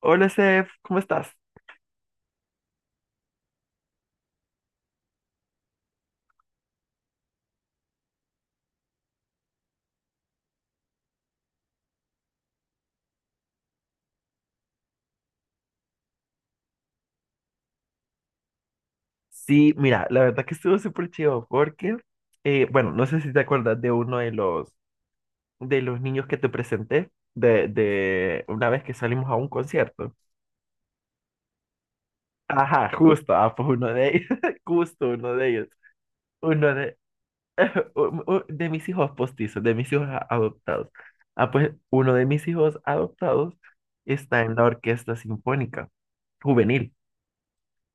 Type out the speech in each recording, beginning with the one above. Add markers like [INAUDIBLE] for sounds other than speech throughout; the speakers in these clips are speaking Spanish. Hola, Sef, ¿cómo estás? Sí, mira, la verdad que estuvo súper chido porque, bueno, no sé si te acuerdas de uno de de los niños que te presenté de una vez que salimos a un concierto. Ajá, justo, ah, pues uno de ellos, [LAUGHS] justo uno de ellos, uno de, [LAUGHS] de mis hijos postizos, de mis hijos adoptados. Ah, pues uno de mis hijos adoptados está en la Orquesta Sinfónica Juvenil.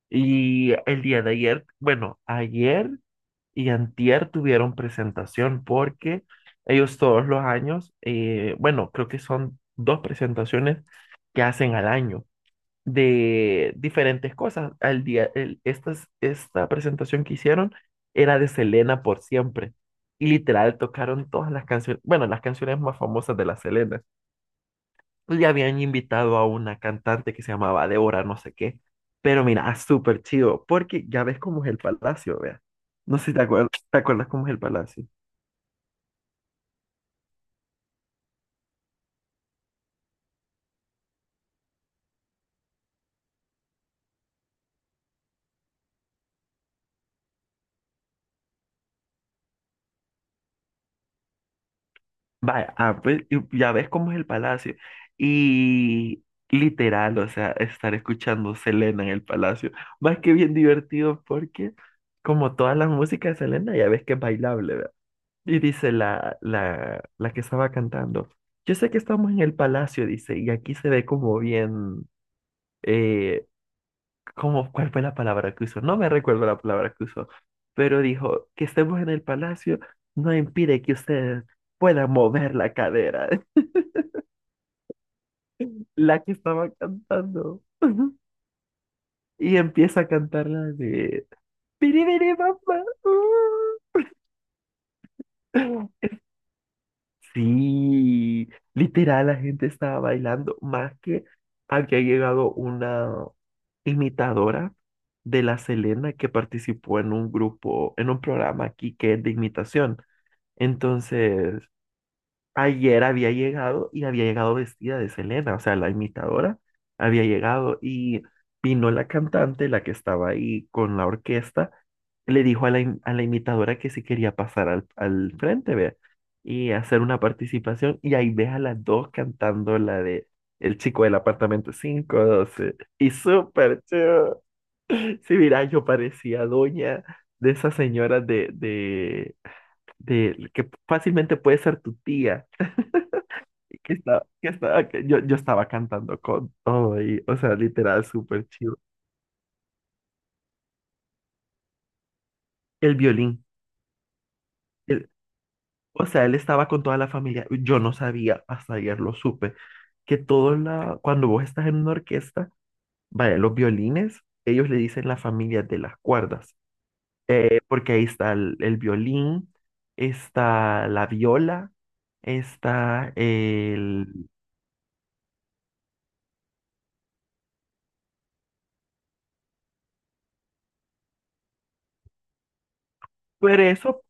Y el día de ayer, bueno, ayer... y antier tuvieron presentación porque ellos todos los años, bueno, creo que son dos presentaciones que hacen al año de diferentes cosas. Al día, esta presentación que hicieron era de Selena por siempre y literal tocaron todas las canciones, bueno, las canciones más famosas de la Selena, pues ya habían invitado a una cantante que se llamaba Débora, no sé qué. Pero mira, ah, súper chido, porque ya ves cómo es el palacio, vea. No sé si te acuerdas, te acuerdas cómo es el palacio. Vaya, ah, pues, y ya ves cómo es el palacio. Y literal, o sea, estar escuchando Selena en el palacio, más que bien divertido porque como toda la música de Selena, ya ves que es bailable, ¿verdad? Y dice la que estaba cantando, yo sé que estamos en el palacio, dice, y aquí se ve como bien, eh, ¿cómo, cuál fue la palabra que usó? No me recuerdo la palabra que usó, pero dijo que estemos en el palacio no impide que ustedes puedan mover la cadera, [LAUGHS] la que estaba cantando. [LAUGHS] Y empieza a cantar la de "Piribiri, papá, uh". [LAUGHS] Sí, literal, la gente estaba bailando más que había llegado una imitadora de la Selena que participó en un grupo, en un programa aquí que es de imitación. Entonces, ayer había llegado y había llegado vestida de Selena, o sea, la imitadora había llegado y vino la cantante, la que estaba ahí con la orquesta, le dijo a a la imitadora que si quería pasar al frente, ve, y hacer una participación, y ahí ves a las dos cantando la de El chico del apartamento 512 y súper chido. Sí, mira, yo parecía doña de esas señoras que fácilmente puede ser tu tía, que estaba, que estaba, que yo estaba cantando con todo ahí, o sea, literal, súper chido. El violín, el- o sea, él estaba con toda la familia, yo no sabía, hasta ayer lo supe, que todo la, cuando vos estás en una orquesta, vaya, los violines, ellos le dicen la familia de las cuerdas. Porque ahí está el violín, está la viola, está el... Pero eso,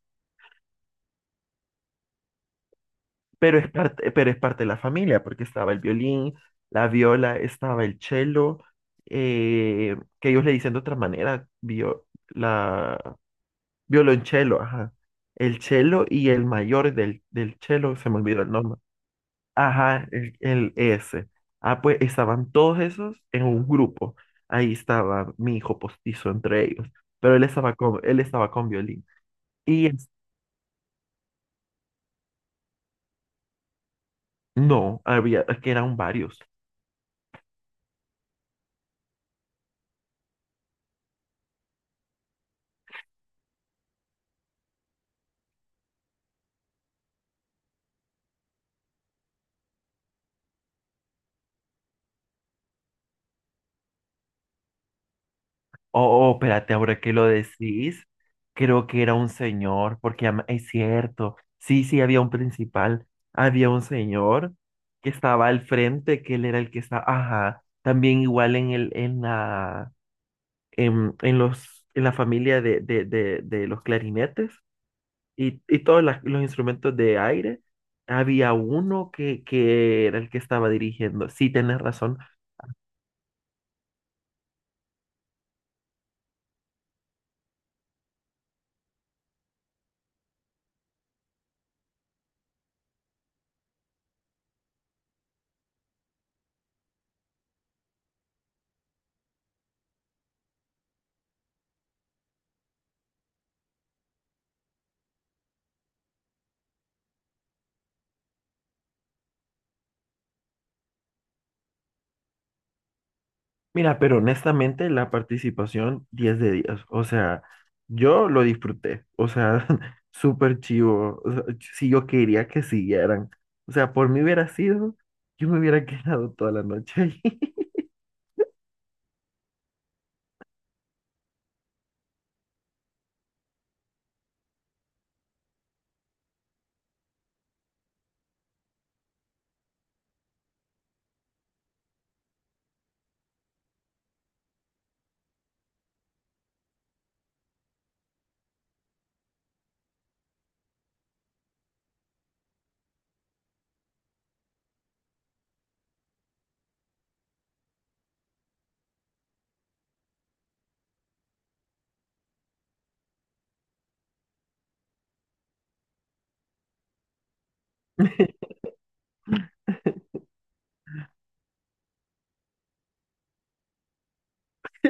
pero es parte de la familia, porque estaba el violín, la viola, estaba el cello, que ellos le dicen de otra manera, violonchelo, ajá. El cello y el mayor del cello, se me olvidó el nombre. Ajá, el ese. Ah, pues estaban todos esos en un grupo. Ahí estaba mi hijo postizo entre ellos, pero él estaba con violín. Y es- no, había, es que eran varios. Oh, oh, espérate, ahora que lo decís, creo que era un señor, porque es cierto, sí, había un principal, había un señor que estaba al frente, que él era el que estaba, ajá, también igual en el, en la en en la familia de los clarinetes y, y todos los instrumentos de aire. Había uno que era el que estaba dirigiendo. Sí, tenés razón. Mira, pero honestamente la participación 10 de 10. O sea, yo lo disfruté. O sea, [LAUGHS] súper chivo. O sea, sí, yo quería que siguieran. O sea, por mí hubiera sido, yo me hubiera [LAUGHS] quedado toda la noche ahí.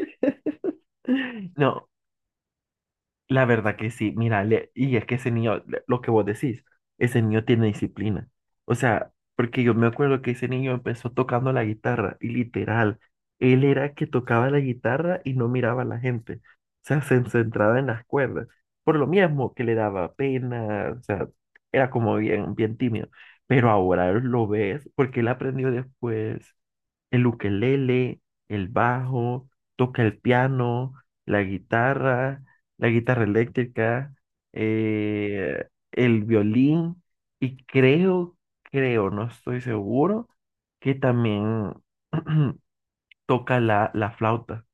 [LAUGHS] No, la verdad que sí, mira, y es que ese niño, lo que vos decís, ese niño tiene disciplina. O sea, porque yo me acuerdo que ese niño empezó tocando la guitarra y literal, él era que tocaba la guitarra y no miraba a la gente. O sea, se centraba en las cuerdas. Por lo mismo que le daba pena, o sea, era como bien, bien tímido. Pero ahora lo ves porque él aprendió después el ukelele, el bajo, toca el piano, la guitarra, la guitarra eléctrica, eh, el violín y creo, creo, no estoy seguro, que también [CLEARS THROAT] toca la flauta.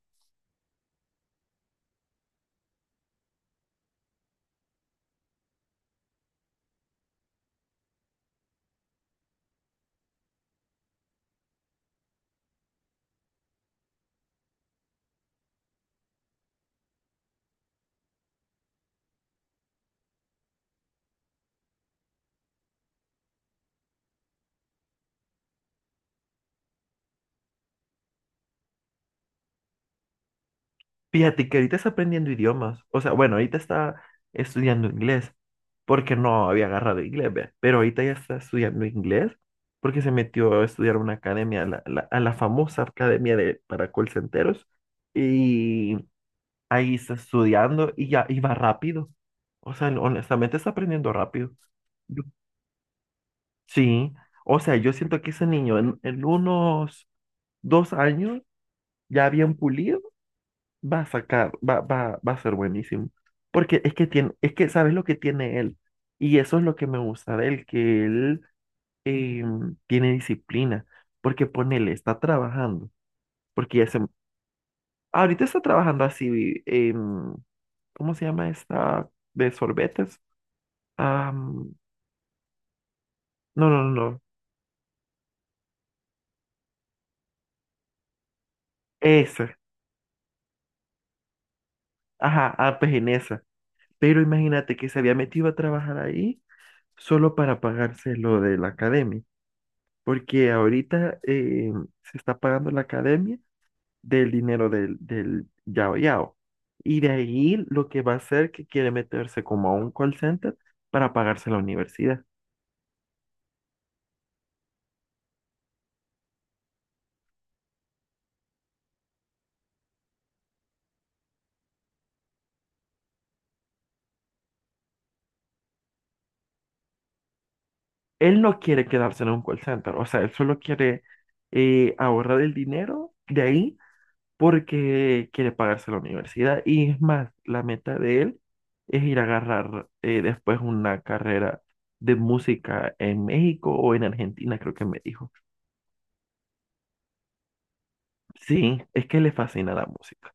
Fíjate que ahorita está aprendiendo idiomas. O sea, bueno, ahorita está estudiando inglés porque no había agarrado inglés, ¿ve? Pero ahorita ya está estudiando inglés porque se metió a estudiar una academia, a a la famosa academia de, para call centeros. Y ahí está estudiando y ya iba rápido. O sea, honestamente está aprendiendo rápido. Yo- Sí, o sea, yo siento que ese niño en unos dos años ya bien pulido va a sacar, va a ser buenísimo. Porque es que tiene, es que sabes lo que tiene él. Y eso es lo que me gusta de él, que él eh, tiene disciplina. Porque ponele, está trabajando. Porque ya se, ahorita está trabajando así, em, ¿cómo se llama esta de sorbetes? Am, no, no, no. Esa. Ajá, ah, pues en esa. Pero imagínate que se había metido a trabajar ahí solo para pagarse lo de la academia. Porque ahorita se está pagando la academia del dinero del Yao Yao. Y de ahí lo que va a hacer que quiere meterse como a un call center para pagarse la universidad. Él no quiere quedarse en un call center, o sea, él solo quiere ahorrar el dinero de ahí porque quiere pagarse la universidad. Y es más, la meta de él es ir a agarrar después una carrera de música en México o en Argentina, creo que me dijo. Sí, es que le fascina la música.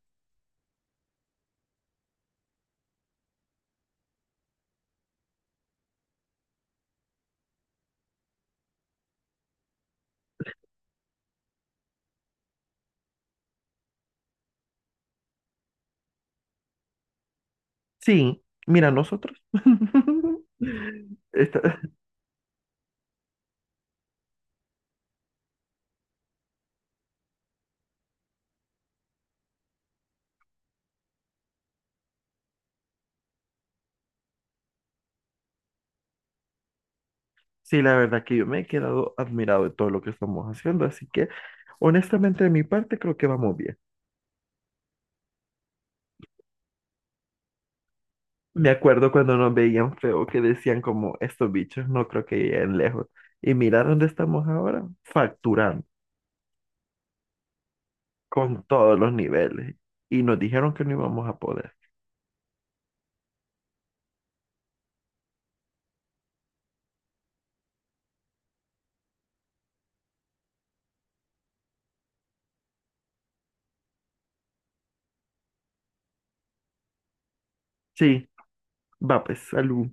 Sí, mira, nosotros. [LAUGHS] Esta- sí, la verdad que yo me he quedado admirado de todo lo que estamos haciendo, así que honestamente de mi parte creo que vamos bien. Me acuerdo cuando nos veían feo que decían como estos bichos no creo que lleguen lejos. Y mira dónde estamos ahora, facturando con todos los niveles. Y nos dijeron que no íbamos a poder. Sí, va pues, salud.